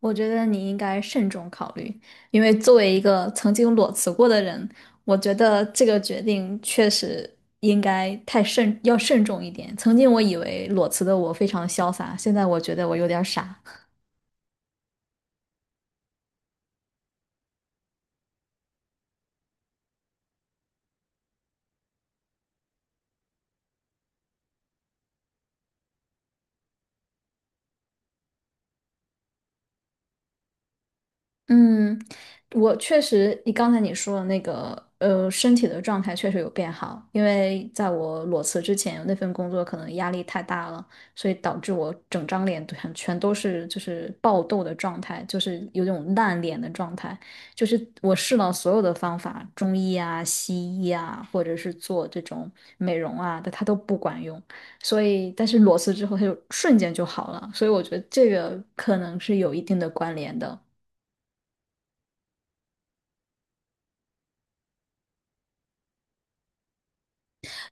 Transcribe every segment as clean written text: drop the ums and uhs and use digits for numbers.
我觉得你应该慎重考虑，因为作为一个曾经裸辞过的人，我觉得这个决定确实应该太慎，要慎重一点。曾经我以为裸辞的我非常潇洒，现在我觉得我有点儿傻。嗯，我确实，你刚才说的那个，身体的状态确实有变好，因为在我裸辞之前，那份工作可能压力太大了，所以导致我整张脸全都是爆痘的状态，就是有种烂脸的状态。就是我试了所有的方法，中医啊、西医啊，或者是做这种美容啊，但它都不管用。所以，但是裸辞之后，它就瞬间就好了，所以我觉得这个可能是有一定的关联的。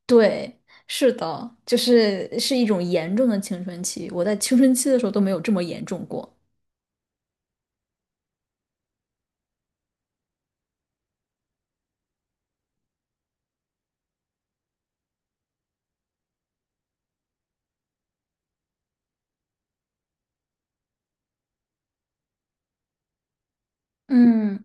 对，是的，就是一种严重的青春期，我在青春期的时候都没有这么严重过。嗯，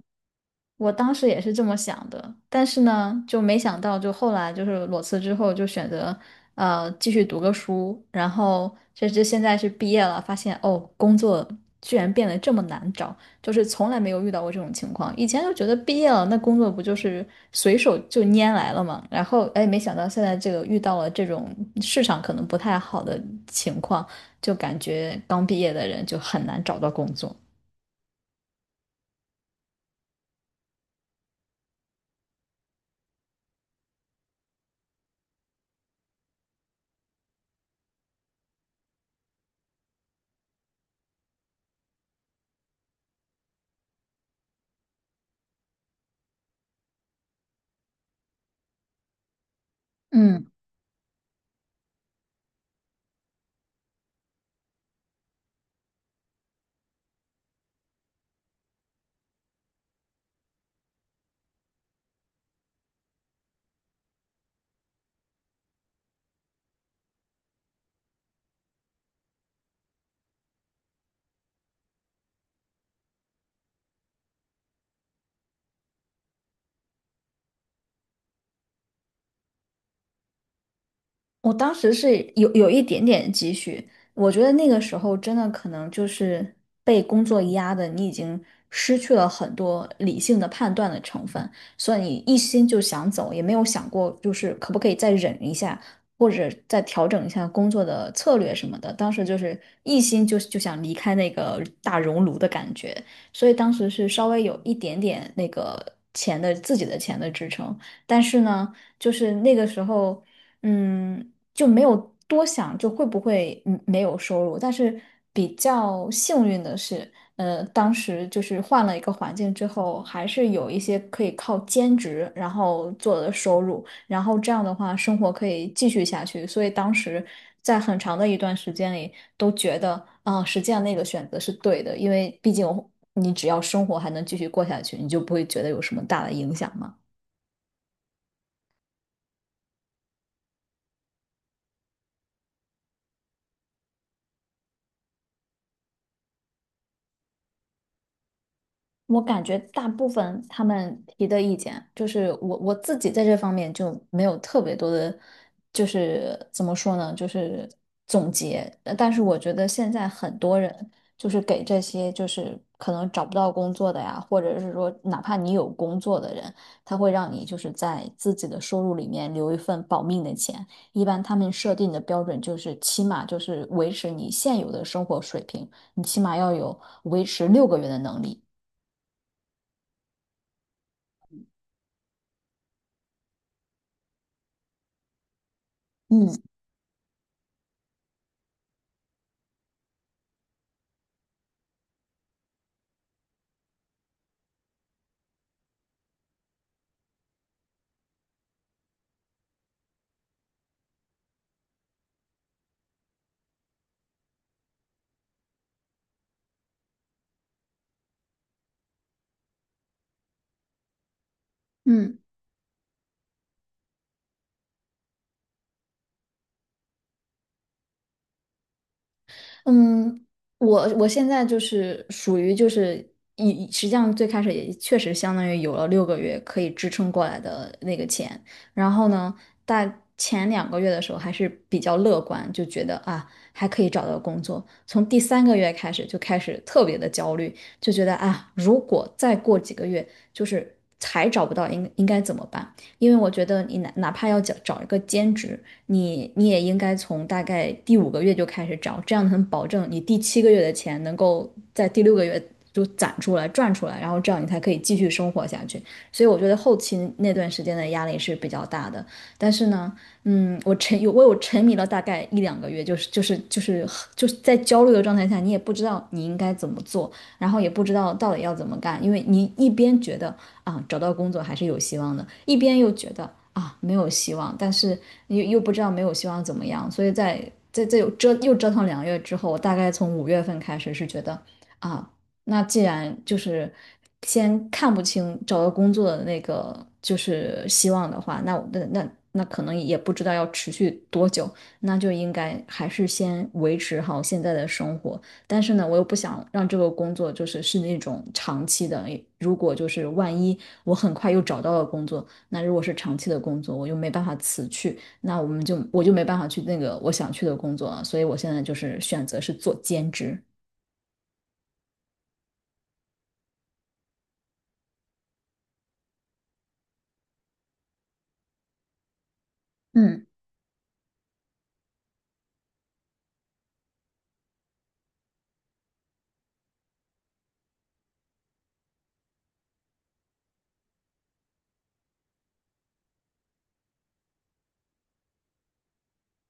我当时也是这么想的，但是呢，就没想到，就后来就是裸辞之后，就选择继续读个书，然后甚至现在是毕业了，发现哦，工作居然变得这么难找，就是从来没有遇到过这种情况。以前就觉得毕业了，那工作不就是随手就拈来了嘛，然后哎，没想到现在这个遇到了这种市场可能不太好的情况，就感觉刚毕业的人就很难找到工作。嗯。我当时是有一点点积蓄，我觉得那个时候真的可能就是被工作压的，你已经失去了很多理性的判断的成分，所以你一心就想走，也没有想过就是可不可以再忍一下，或者再调整一下工作的策略什么的。当时就是一心就想离开那个大熔炉的感觉，所以当时是稍微有一点点那个钱的自己的钱的支撑，但是呢，就是那个时候。嗯，就没有多想，就会不会没有收入。但是比较幸运的是，当时就是换了一个环境之后，还是有一些可以靠兼职然后做的收入，然后这样的话生活可以继续下去。所以当时在很长的一段时间里都觉得，啊、实际上那个选择是对的，因为毕竟你只要生活还能继续过下去，你就不会觉得有什么大的影响嘛。我感觉大部分他们提的意见，就是我自己在这方面就没有特别多的，就是怎么说呢，就是总结。但是我觉得现在很多人就是给这些就是可能找不到工作的呀，或者是说哪怕你有工作的人，他会让你就是在自己的收入里面留一份保命的钱。一般他们设定的标准就是起码就是维持你现有的生活水平，你起码要有维持六个月的能力。嗯，嗯嗯，我现在就是属于就是实际上最开始也确实相当于有了六个月可以支撑过来的那个钱，然后呢，但前两个月的时候还是比较乐观，就觉得啊还可以找到工作，从第三个月开始就开始特别的焦虑，就觉得啊如果再过几个月就是还找不到应该怎么办？因为我觉得你哪怕要找一个兼职。你也应该从大概第五个月就开始找，这样能保证你第七个月的钱能够在第六个月就攒出来赚出来，然后这样你才可以继续生活下去。所以我觉得后期那段时间的压力是比较大的，但是呢，我有沉迷了大概一两个月，就是在焦虑的状态下，你也不知道你应该怎么做。然后也不知道到底要怎么干，因为你一边觉得啊找到工作还是有希望的，一边又觉得啊没有希望，但是又不知道没有希望怎么样，所以在这又折腾两个月之后，我大概从5月份开始是觉得啊，那既然就是先看不清找到工作的那个就是希望的话，那我那那那可能也不知道要持续多久，那就应该还是先维持好现在的生活，但是呢，我又不想让这个工作就是那种长期的。如果就是万一我很快又找到了工作，那如果是长期的工作，我又没办法辞去，那我就没办法去那个我想去的工作了，所以我现在就是选择是做兼职。嗯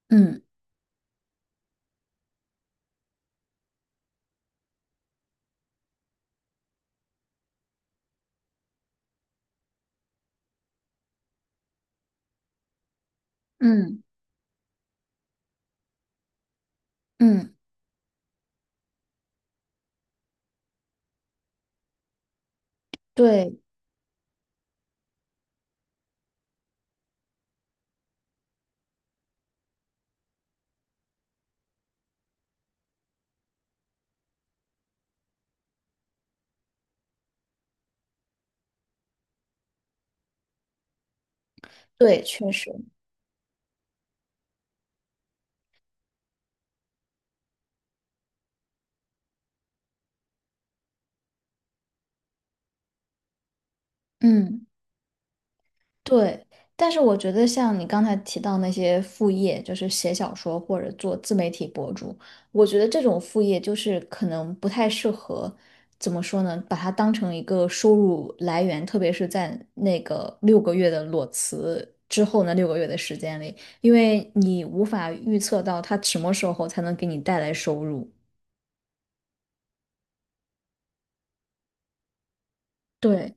嗯嗯嗯，对对，确实，嗯。对，但是我觉得像你刚才提到那些副业，就是写小说或者做自媒体博主，我觉得这种副业就是可能不太适合，怎么说呢？把它当成一个收入来源，特别是在那个六个月的裸辞之后那六个月的时间里，因为你无法预测到它什么时候才能给你带来收入。对，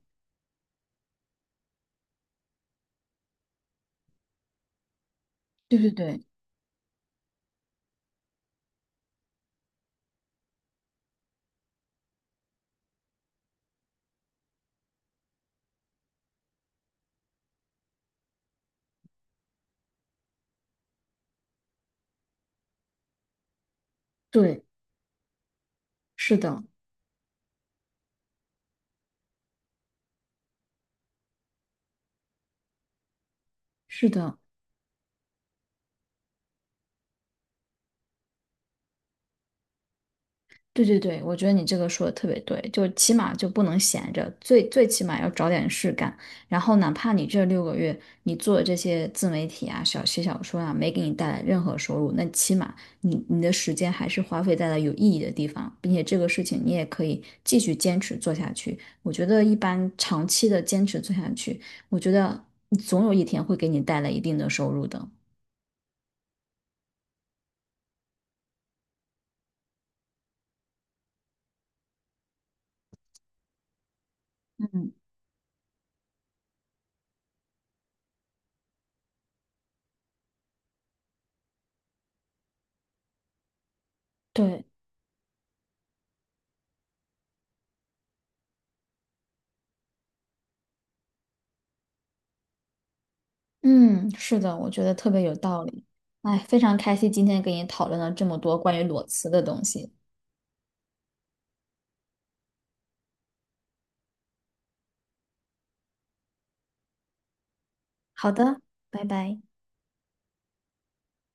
对对对对，是的，是的。对对对，我觉得你这个说的特别对，就起码就不能闲着，最最起码要找点事干。然后哪怕你这六个月你做的这些自媒体啊、小写小说啊，没给你带来任何收入，那起码你的时间还是花费在了有意义的地方，并且这个事情你也可以继续坚持做下去。我觉得一般长期的坚持做下去，我觉得总有一天会给你带来一定的收入的。对，嗯，是的，我觉得特别有道理。哎，非常开心今天跟你讨论了这么多关于裸辞的东西。好的，拜拜。